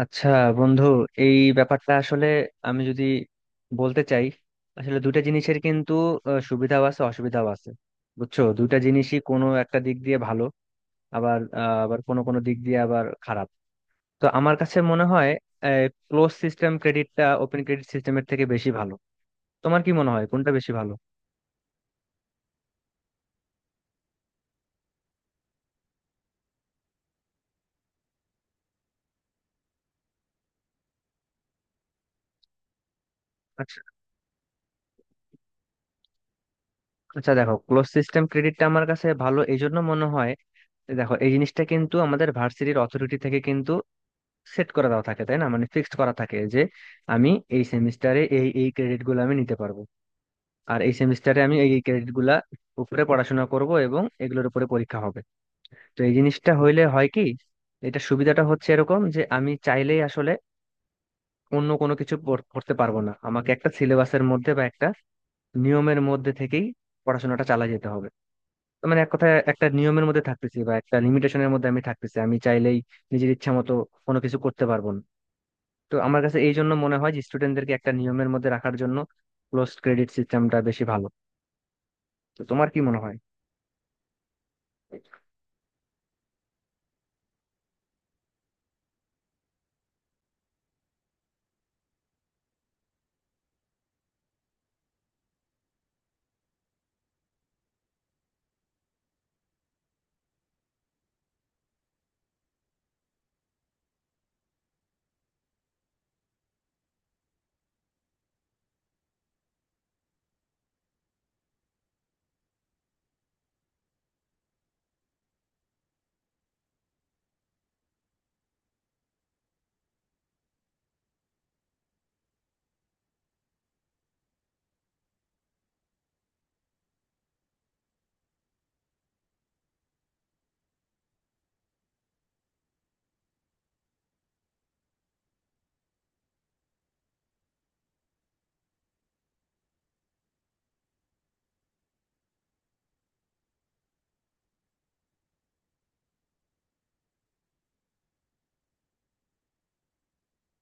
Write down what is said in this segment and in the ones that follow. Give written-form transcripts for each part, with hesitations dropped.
আচ্ছা বন্ধু, এই ব্যাপারটা আসলে আমি যদি বলতে চাই, আসলে দুইটা জিনিসের কিন্তু সুবিধাও আছে, অসুবিধাও আছে। বুঝছো, দুইটা জিনিসই কোনো একটা দিক দিয়ে ভালো, আবার আবার কোনো কোনো দিক দিয়ে আবার খারাপ। তো আমার কাছে মনে হয় ক্লোজ সিস্টেম ক্রেডিটটা ওপেন ক্রেডিট সিস্টেমের থেকে বেশি ভালো। তোমার কি মনে হয় কোনটা বেশি ভালো? আচ্ছা, আচ্ছা দেখো, ক্লোজ সিস্টেম ক্রেডিটটা আমার কাছে ভালো এই জন্য মনে হয়, দেখো এই জিনিসটা কিন্তু আমাদের ভার্সিটির অথরিটি থেকে সেট করে দেওয়া থাকে, তাই না? মানে ফিক্সড করা থাকে যে আমি এই সেমিস্টারে এই এই ক্রেডিট গুলো আমি নিতে পারবো, আর এই সেমিস্টারে আমি এই এই ক্রেডিট গুলা উপরে পড়াশোনা করব এবং এগুলোর উপরে পরীক্ষা হবে। তো এই জিনিসটা হইলে হয় কি, এটা সুবিধাটা হচ্ছে এরকম যে আমি চাইলেই আসলে অন্য কোনো কিছু পড়তে পারবো না, আমাকে একটা সিলেবাসের মধ্যে বা একটা নিয়মের মধ্যে থেকেই পড়াশোনাটা চালিয়ে যেতে হবে। তো মানে এক কথায় একটা নিয়মের মধ্যে থাকতেছি বা একটা লিমিটেশনের মধ্যে আমি থাকতেছি, আমি চাইলেই নিজের ইচ্ছা মতো কোনো কিছু করতে পারবো না। তো আমার কাছে এই জন্য মনে হয় যে স্টুডেন্টদেরকে একটা নিয়মের মধ্যে রাখার জন্য ক্লোজ ক্রেডিট সিস্টেমটা বেশি ভালো। তো তোমার কি মনে হয়?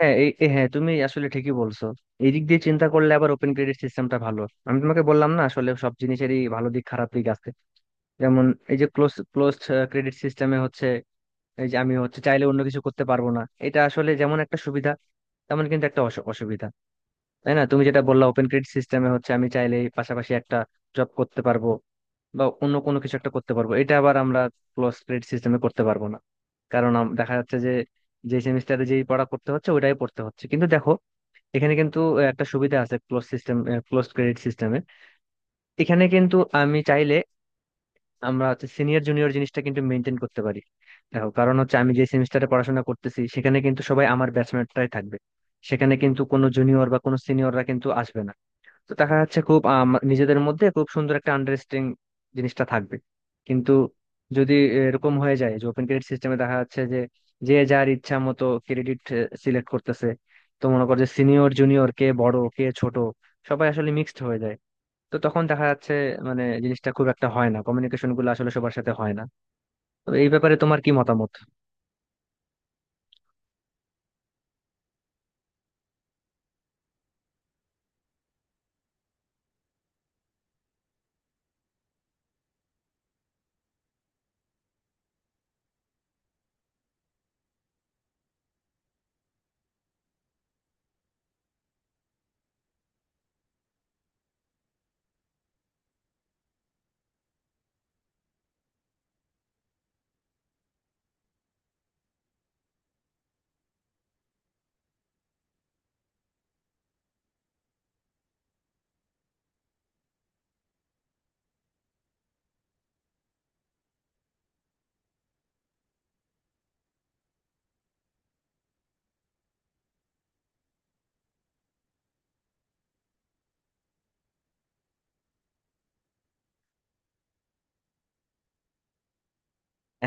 হ্যাঁ, এই এই- হ্যাঁ তুমি আসলে ঠিকই বলছো। এই দিক দিয়ে চিন্তা করলে আবার ওপেন ক্রেডিট সিস্টেমটা ভালো। আমি তোমাকে বললাম না, আসলে সব জিনিসেরই ভালো দিক খারাপ দিক আছে। যেমন এই যে ক্লোজ ক্লোজ ক্রেডিট সিস্টেমে হচ্ছে এই যে আমি হচ্ছে চাইলে অন্য কিছু করতে পারবো না, এটা আসলে যেমন একটা সুবিধা তেমন কিন্তু একটা অসুবিধা। তাই না? তুমি যেটা বললা ওপেন ক্রেডিট সিস্টেমে হচ্ছে আমি চাইলে পাশাপাশি একটা জব করতে পারবো বা অন্য কোনো কিছু একটা করতে পারবো, এটা আবার আমরা ক্লোজ ক্রেডিট সিস্টেমে করতে পারবো না। কারণ দেখা যাচ্ছে যে যে সেমিস্টারে যেই পড়া পড়তে হচ্ছে ওটাই পড়তে হচ্ছে। কিন্তু দেখো, এখানে কিন্তু একটা সুবিধা আছে ক্লোজ সিস্টেম, ক্লোজ ক্রেডিট সিস্টেমে এখানে কিন্তু আমি চাইলে আমরা হচ্ছে সিনিয়র জুনিয়র জিনিসটা কিন্তু মেনটেন করতে পারি। দেখো, কারণ হচ্ছে আমি যে সেমিস্টারে পড়াশোনা করতেছি সেখানে কিন্তু সবাই আমার ব্যাচমেটরাই থাকবে, সেখানে কিন্তু কোনো জুনিয়র বা কোনো সিনিয়ররা কিন্তু আসবে না। তো দেখা যাচ্ছে খুব নিজেদের মধ্যে খুব সুন্দর একটা আন্ডারস্ট্যান্ডিং জিনিসটা থাকবে। কিন্তু যদি এরকম হয়ে যায় যে ওপেন ক্রেডিট সিস্টেমে দেখা যাচ্ছে যে যে যার ইচ্ছা মতো ক্রেডিট সিলেক্ট করতেছে, তো মনে কর যে সিনিয়র জুনিয়র, কে বড় কে ছোট সবাই আসলে মিক্সড হয়ে যায়। তো তখন দেখা যাচ্ছে মানে জিনিসটা খুব একটা হয় না, কমিউনিকেশন গুলো আসলে সবার সাথে হয় না। তো এই ব্যাপারে তোমার কি মতামত?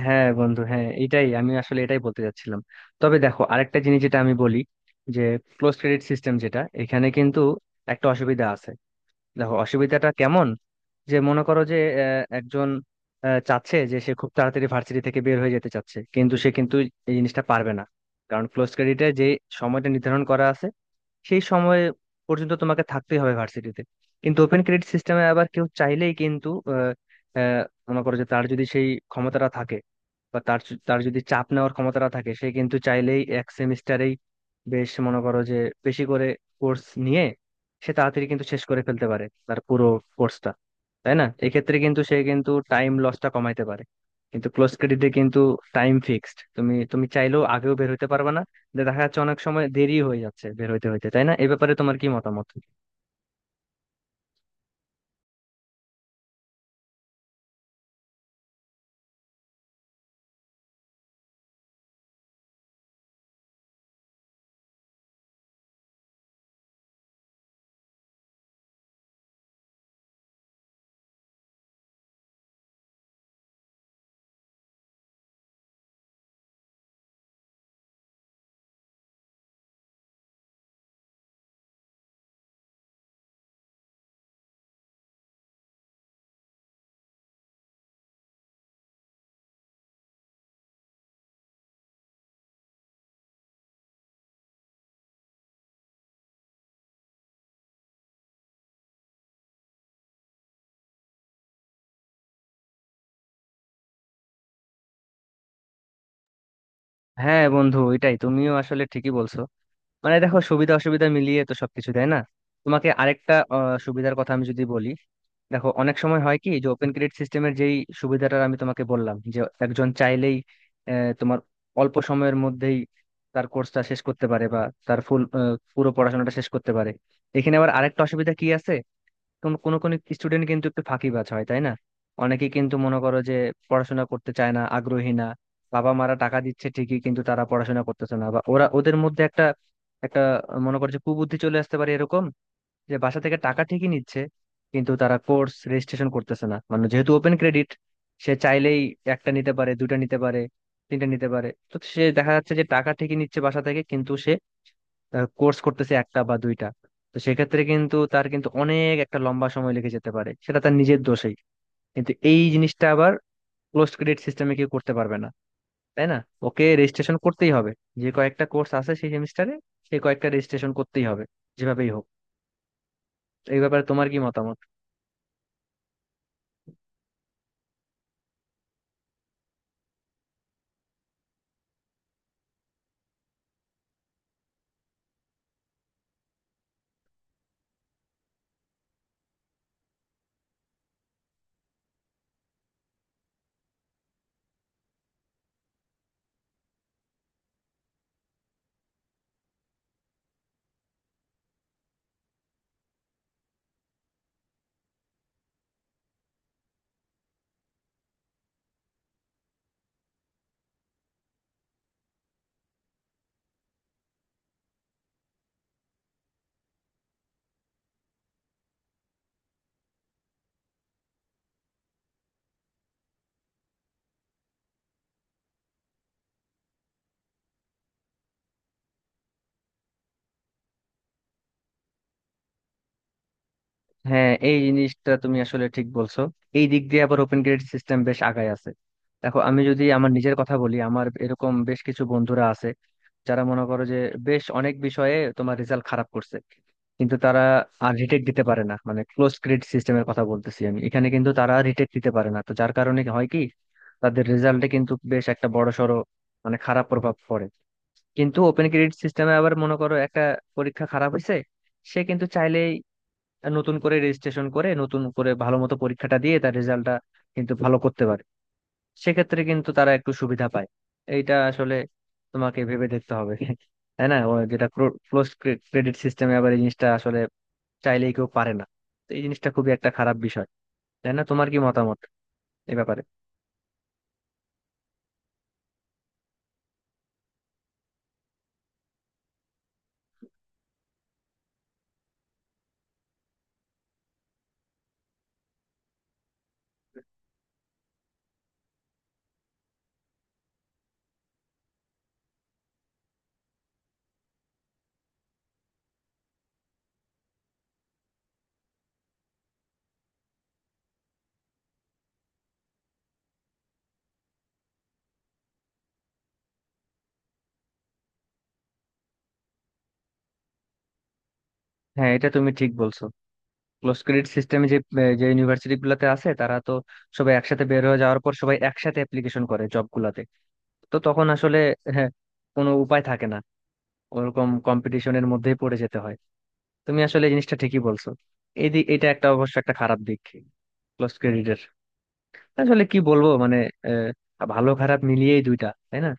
হ্যাঁ বন্ধু, হ্যাঁ এটাই আমি আসলে এটাই বলতে চাচ্ছিলাম। তবে দেখো আরেকটা জিনিস যেটা আমি বলি, যে ক্লোজ ক্রেডিট সিস্টেম যেটা এখানে কিন্তু একটা অসুবিধা আছে। দেখো অসুবিধাটা কেমন, যে মনে করো যে একজন চাচ্ছে যে সে খুব তাড়াতাড়ি ভার্সিটি থেকে বের হয়ে যেতে চাচ্ছে, কিন্তু সে কিন্তু এই জিনিসটা পারবে না। কারণ ক্লোজ ক্রেডিটে যে সময়টা নির্ধারণ করা আছে সেই সময় পর্যন্ত তোমাকে থাকতেই হবে ভার্সিটিতে। কিন্তু ওপেন ক্রেডিট সিস্টেমে আবার কেউ চাইলেই কিন্তু আহ, আহ, মনে করো যে তার যদি সেই ক্ষমতাটা থাকে বা তার যদি চাপ নেওয়ার ক্ষমতাটা থাকে, সে কিন্তু চাইলেই এক সেমিস্টারেই বেশ মনে করো যে বেশি করে কোর্স নিয়ে সে তাড়াতাড়ি কিন্তু শেষ করে ফেলতে পারে তার পুরো কোর্সটা। তাই না? এক্ষেত্রে কিন্তু সে কিন্তু টাইম লসটা কমাইতে পারে। কিন্তু ক্লোজ ক্রেডিটে কিন্তু টাইম ফিক্সড, তুমি তুমি চাইলেও আগেও বের হতে পারবে না। যে দেখা যাচ্ছে অনেক সময় দেরি হয়ে যাচ্ছে বের হইতে হইতে। তাই না? এই ব্যাপারে তোমার কি মতামত? হ্যাঁ বন্ধু, এটাই তুমিও আসলে ঠিকই বলছো। মানে দেখো সুবিধা অসুবিধা মিলিয়ে তো সবকিছু, তাই না? তোমাকে আরেকটা সুবিধার কথা আমি যদি বলি, দেখো অনেক সময় হয় কি যে ওপেন ক্রেডিট সিস্টেমের যেই সুবিধাটা আমি তোমাকে বললাম যে একজন চাইলেই তোমার অল্প সময়ের মধ্যেই তার কোর্সটা শেষ করতে পারে বা তার ফুল, পুরো পড়াশোনাটা শেষ করতে পারে। এখানে আবার আরেকটা অসুবিধা কি আছে, কোনো স্টুডেন্ট কিন্তু একটু ফাঁকিবাজ হয়, তাই না? অনেকে কিন্তু মনে করো যে পড়াশোনা করতে চায় না, আগ্রহী না। বাবা মারা টাকা দিচ্ছে ঠিকই কিন্তু তারা পড়াশোনা করতেছে না, বা ওরা ওদের মধ্যে একটা একটা মনে করো যে কুবুদ্ধি চলে আসতে পারে, এরকম যে বাসা থেকে টাকা ঠিকই নিচ্ছে কিন্তু তারা কোর্স রেজিস্ট্রেশন করতেছে না। মানে যেহেতু ওপেন ক্রেডিট, সে চাইলেই একটা নিতে পারে, দুটা নিতে পারে, তিনটা নিতে পারে, তো সে দেখা যাচ্ছে যে টাকা ঠিকই নিচ্ছে বাসা থেকে কিন্তু সে কোর্স করতেছে একটা বা দুইটা। তো সেক্ষেত্রে কিন্তু তার কিন্তু অনেক একটা লম্বা সময় লেগে যেতে পারে, সেটা তার নিজের দোষেই। কিন্তু এই জিনিসটা আবার ক্লোজ ক্রেডিট সিস্টেমে কেউ করতে পারবে না, তাই না? ওকে রেজিস্ট্রেশন করতেই হবে, যে কয়েকটা কোর্স আছে সেই সেমিস্টারে সেই কয়েকটা রেজিস্ট্রেশন করতেই হবে, যেভাবেই হোক। এই ব্যাপারে তোমার কি মতামত? হ্যাঁ এই জিনিসটা তুমি আসলে ঠিক বলছো। এই দিক দিয়ে আবার ওপেন ক্রেডিট সিস্টেম বেশ আগায় আছে। দেখো আমি যদি আমার নিজের কথা বলি, আমার এরকম বেশ কিছু বন্ধুরা আছে যারা মনে করো যে বেশ অনেক বিষয়ে তোমার রেজাল্ট খারাপ করছে, কিন্তু তারা আর রিটেক দিতে পারে না। মানে ক্লোজ ক্রেডিট সিস্টেমের কথা বলতেছি আমি, এখানে কিন্তু তারা রিটেক দিতে পারে না, তো যার কারণে হয় কি তাদের রেজাল্টে কিন্তু বেশ একটা বড়সড় মানে খারাপ প্রভাব পড়ে। কিন্তু ওপেন ক্রেডিট সিস্টেমে আবার মনে করো একটা পরীক্ষা খারাপ হয়েছে, সে কিন্তু চাইলেই নতুন করে রেজিস্ট্রেশন করে নতুন করে ভালো মতো পরীক্ষাটা দিয়ে তার রেজাল্টটা কিন্তু ভালো করতে পারে। সেক্ষেত্রে কিন্তু তারা একটু সুবিধা পায়। এইটা আসলে তোমাকে ভেবে দেখতে হবে, তাই না? ও যেটা ক্লোজ ক্রেডিট সিস্টেমে আবার এই জিনিসটা আসলে চাইলেই কেউ পারে না, তো এই জিনিসটা খুবই একটা খারাপ বিষয়। তাই না? তোমার কি মতামত এ ব্যাপারে? হ্যাঁ এটা তুমি ঠিক বলছো, ক্লোজ ক্রেডিট সিস্টেমে যে যে ইউনিভার্সিটি গুলাতে আছে তারা তো সবাই একসাথে বের হয়ে যাওয়ার পর সবাই একসাথে অ্যাপ্লিকেশন করে জব গুলাতে। তো তখন আসলে হ্যাঁ, কোনো উপায় থাকে না, ওরকম কম্পিটিশনের মধ্যেই পড়ে যেতে হয়। তুমি আসলে এই জিনিসটা ঠিকই বলছো। এই দিক, এটা একটা অবশ্য একটা খারাপ দিক ক্লোজ ক্রেডিটের। আসলে কি বলবো মানে ভালো খারাপ মিলিয়েই দুইটা, তাই না?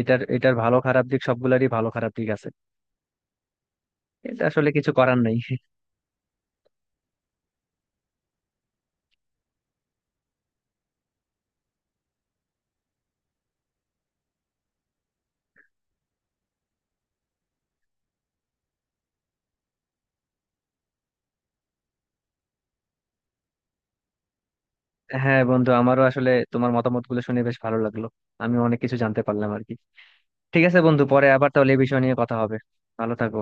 এটার এটার ভালো খারাপ দিক, সবগুলোরই ভালো খারাপ দিক আছে। এটা আসলে কিছু করার নাই। হ্যাঁ বন্ধু, আমারও আসলে তোমার মতামত গুলো শুনে বেশ ভালো লাগলো। আমি অনেক কিছু জানতে পারলাম আর কি। ঠিক আছে বন্ধু, পরে আবার তাহলে এই বিষয় নিয়ে কথা হবে। ভালো থাকো।